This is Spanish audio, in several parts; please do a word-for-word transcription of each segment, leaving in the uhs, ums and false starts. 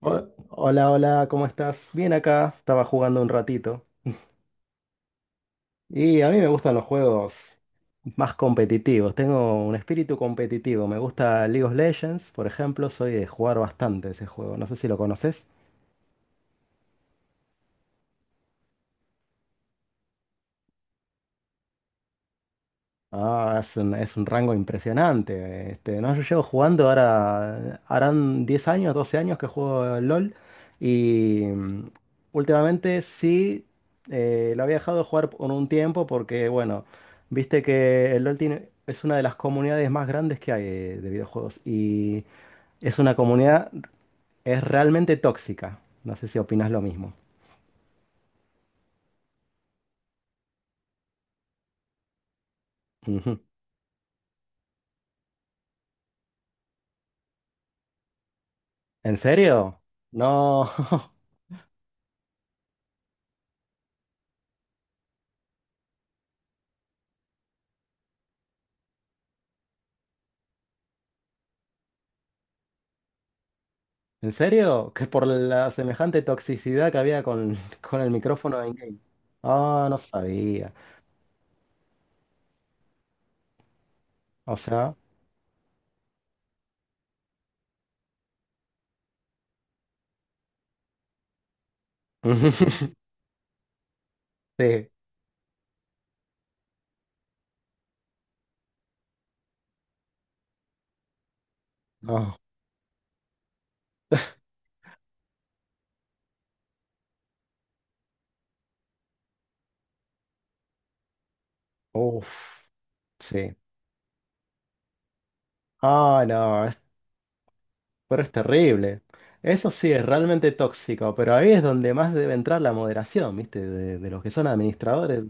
Ho- Hola, hola, ¿cómo estás? Bien acá, estaba jugando un ratito. Y a mí me gustan los juegos más competitivos, tengo un espíritu competitivo. Me gusta League of Legends, por ejemplo, soy de jugar bastante ese juego, no sé si lo conoces. Ah, es un, es un rango impresionante. Este, no, yo llevo jugando ahora, harán diez años, doce años que juego al LOL y mm, últimamente sí, eh, lo había dejado de jugar por un tiempo porque, bueno, viste que el LOL tiene, es una de las comunidades más grandes que hay, eh, de videojuegos, y es una comunidad, es realmente tóxica. No sé si opinas lo mismo. Ujú. ¿En serio? No. ¿En serio? Que por la semejante toxicidad que había con, con el micrófono de in-game. Ah, no sabía. O sea. Sí. No. Uf. Sí. Ah, no, es- pero es terrible. Eso sí es realmente tóxico, pero ahí es donde más debe entrar la moderación, ¿viste? De, de los que son administradores.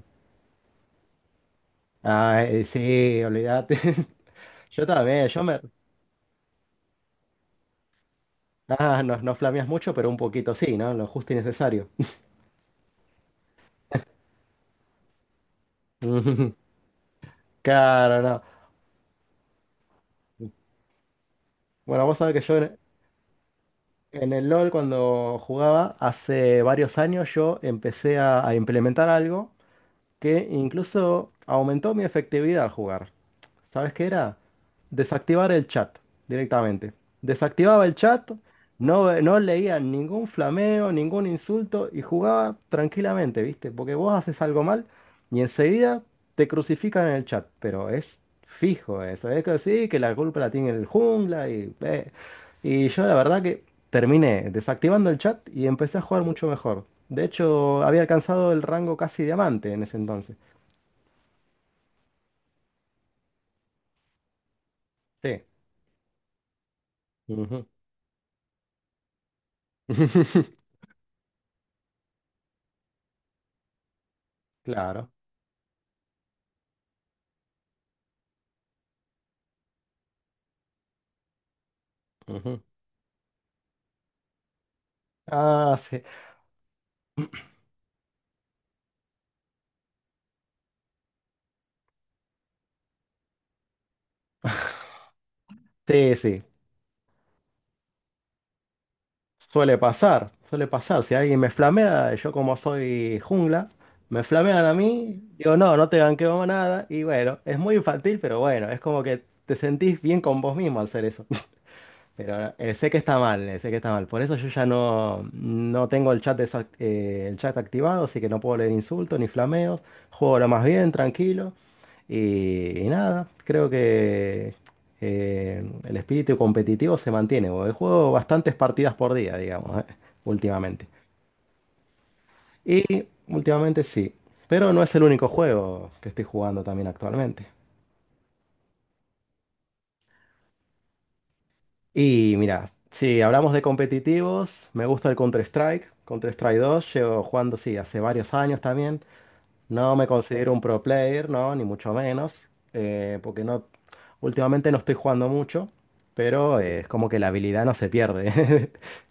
Ah, eh, sí, olvídate. Yo también, yo me. Ah, no, no flameas mucho, pero un poquito sí, ¿no? Lo justo y necesario. Claro, no. Bueno, vos sabés que yo en, en el LOL, cuando jugaba hace varios años, yo empecé a, a implementar algo que incluso aumentó mi efectividad al jugar. ¿Sabes qué era? Desactivar el chat directamente. Desactivaba el chat, no, ve- no leía ningún flameo, ningún insulto y jugaba tranquilamente, ¿viste? Porque vos haces algo mal y enseguida te crucifican en el chat, pero es fijo eso. Es que sí, que la culpa la tiene el jungla y... eh. Y yo la verdad que terminé desactivando el chat y empecé a jugar mucho mejor. De hecho, había alcanzado el rango casi diamante en ese entonces. Sí. Ujú. Claro. Ujú. Ah, sí. Sí, sí. Suele pasar, suele pasar. Si alguien me flamea, yo como soy jungla, me flamean a mí, digo, no, no te ganqueo nada. Y bueno, es muy infantil, pero bueno, es como que te sentís bien con vos mismo al hacer eso. Pero eh, sé que está mal, eh, sé que está mal. Por eso yo ya no, no tengo el chat, desac- eh, el chat activado, así que no puedo leer insultos ni flameos. Juego lo más bien, tranquilo. Y, y nada, creo que eh, el espíritu competitivo se mantiene, porque juego bastantes partidas por día, digamos, eh, últimamente. Y últimamente sí. Pero no es el único juego que estoy jugando también actualmente. Y mira, si hablamos de competitivos, me gusta el Counter-Strike, Counter-Strike dos, llevo jugando, sí, hace varios años también. No me considero un pro player, no, ni mucho menos, eh, porque no, últimamente no estoy jugando mucho, pero eh, es como que la habilidad no se pierde.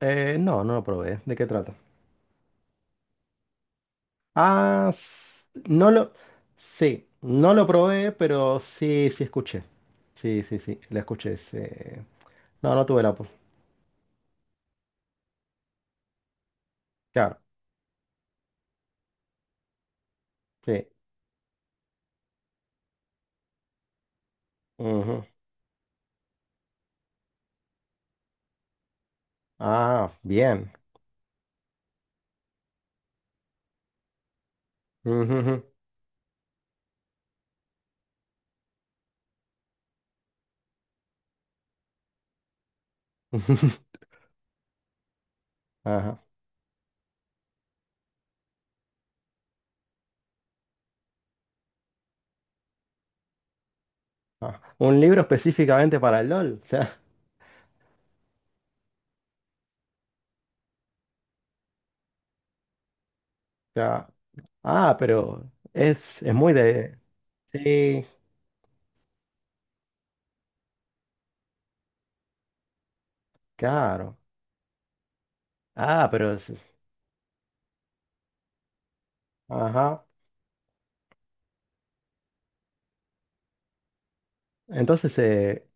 Eh, no, no lo probé. ¿De qué trata? Ah, s- no lo, sí, no lo probé, pero sí, sí escuché. Sí, sí, sí, la escuché. Sí. No, no tuve la... op- Claro, sí. Ujú. Ah, bien. Ujujú. Ajá, ajá. Un libro específicamente para el LOL. O sea, ya. Ah, pero es, es muy de... Sí, claro. Ah, pero... es- Ajá. Entonces, eh,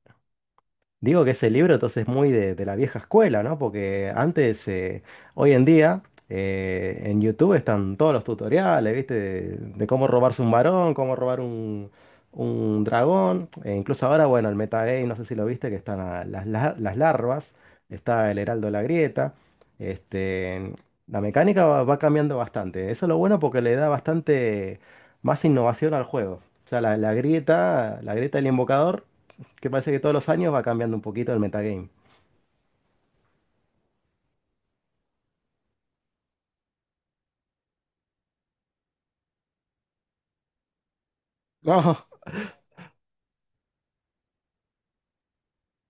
digo que ese libro entonces es muy de, de la vieja escuela, ¿no? Porque antes, eh, hoy en día, eh, en YouTube están todos los tutoriales, ¿viste? De, de cómo robarse un varón, cómo robar un, un dragón. E incluso ahora, bueno, el metagame, no sé si lo viste, que están a- las, la- las larvas, está el Heraldo de la Grieta. Este, la mecánica va, va cambiando bastante. Eso es lo bueno porque le da bastante más innovación al juego. O sea, la, la grieta, la grieta del invocador, que parece que todos los años va cambiando un poquito el metagame. No,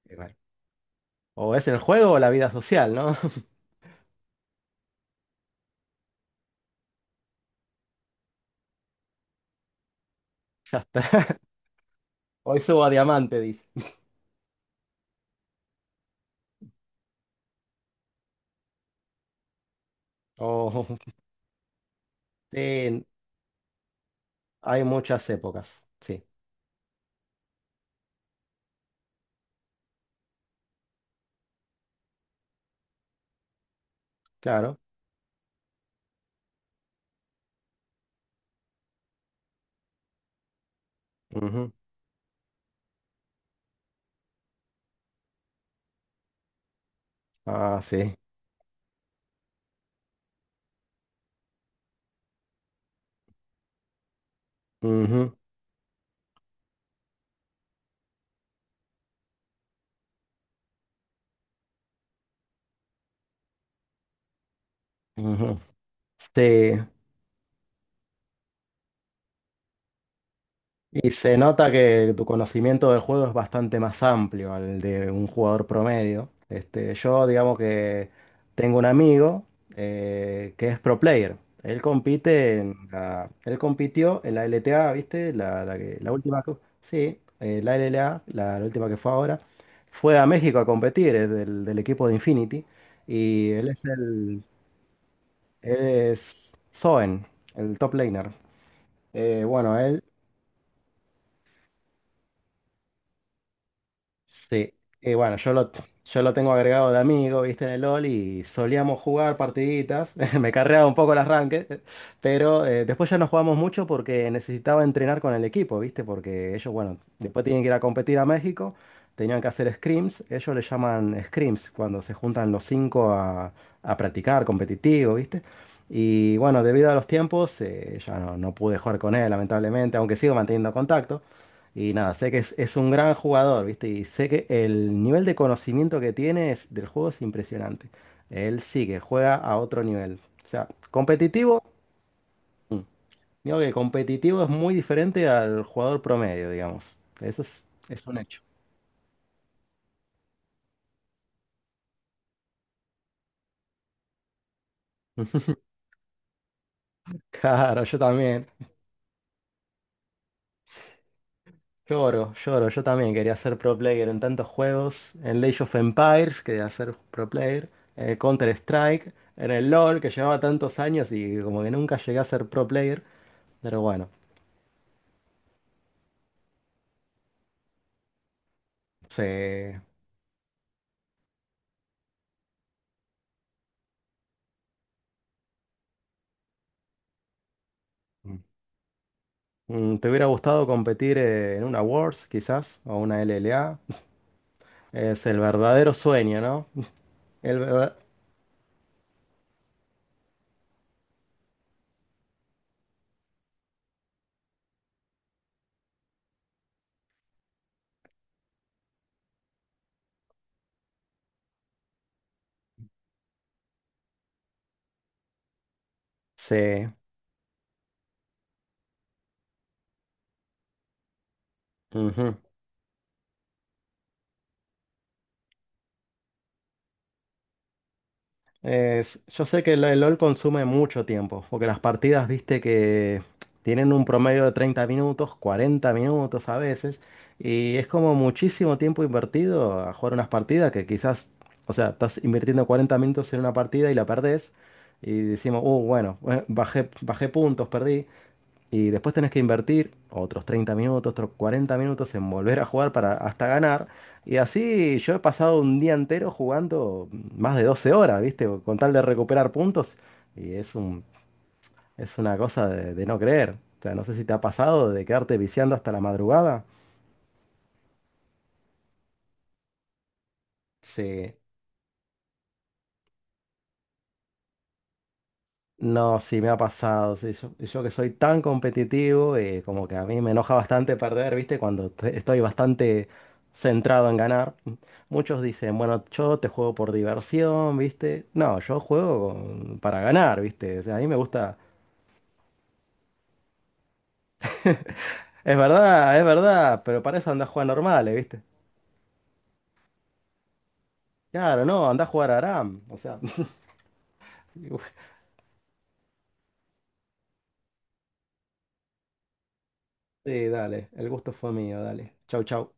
qué mal. O es el juego o la vida social, ¿no? Ya está. Hoy subo a diamante, dice. O sí, hay muchas épocas. Sí, claro. Ujú. Ah, sí. Ujú, ujú. Sí. Y se nota que tu conocimiento del juego es bastante más amplio al de un jugador promedio. Este, yo digamos que tengo un amigo, eh, que es pro player. Él compite en la- él compitió en la L T A, ¿viste? La, la que- la última, que- sí, eh, la L L A, la, la última que fue ahora. Fue a México a competir, es del, del equipo de Infinity. Y él es el, él es Zoen, el top laner. Eh, bueno, él. Sí, y bueno, yo lo, yo lo tengo agregado de amigo, viste, en el LOL y solíamos jugar partiditas. Me carreaba un poco el arranque, pero eh, después ya no jugamos mucho porque necesitaba entrenar con el equipo, viste, porque ellos, bueno, después tienen que ir a competir a México, tenían que hacer scrims, ellos le llaman scrims cuando se juntan los cinco a, a practicar competitivo, viste. Y bueno, debido a los tiempos, eh, ya no, no pude jugar con él, lamentablemente, aunque sigo manteniendo contacto. Y nada, sé que es, es un gran jugador, ¿viste? Y sé que el nivel de conocimiento que tiene es- del juego es impresionante. Él sí que juega a otro nivel. O sea, competitivo, mm, digo que competitivo es muy diferente al jugador promedio, digamos. Eso es, es un hecho. Claro, yo también. Lloro, lloro. Yo también quería ser pro player en tantos juegos. En Age of Empires quería ser pro player. En el Counter-Strike. En el LoL que llevaba tantos años y como que nunca llegué a ser pro player. Pero bueno. Sí. Mm, ¿Te hubiera gustado competir, eh, en una Worlds, quizás, o una L L A? Es el verdadero sueño, ¿no? El ver- Sí. Ujú. Es- yo sé que el, el LOL consume mucho tiempo, porque las partidas, viste, que tienen un promedio de treinta minutos, cuarenta minutos a veces, y es como muchísimo tiempo invertido a jugar unas partidas que quizás, o sea, estás invirtiendo cuarenta minutos en una partida y la perdés, y decimos, oh, bueno, eh, bajé, bajé puntos, perdí. Y después tenés que invertir otros treinta minutos, otros cuarenta minutos en volver a jugar para hasta ganar. Y así yo he pasado un día entero jugando más de doce horas, ¿viste? Con tal de recuperar puntos. Y es un, es una cosa de, de no creer. O sea, no sé si te ha pasado de quedarte viciando hasta la madrugada. Sí. No, sí me ha pasado. Sí, Yo, yo que soy tan competitivo, eh, como que a mí me enoja bastante perder, ¿viste? Cuando te- estoy bastante centrado en ganar. Muchos dicen, bueno, yo te juego por diversión, ¿viste? No, yo juego con- para ganar, ¿viste? O sea, a mí me gusta. Es verdad, es verdad, pero para eso anda a jugar normales, ¿viste? Claro, no, anda a jugar a Aram. O sea, sí, dale, el gusto fue mío, dale. Chau, chau.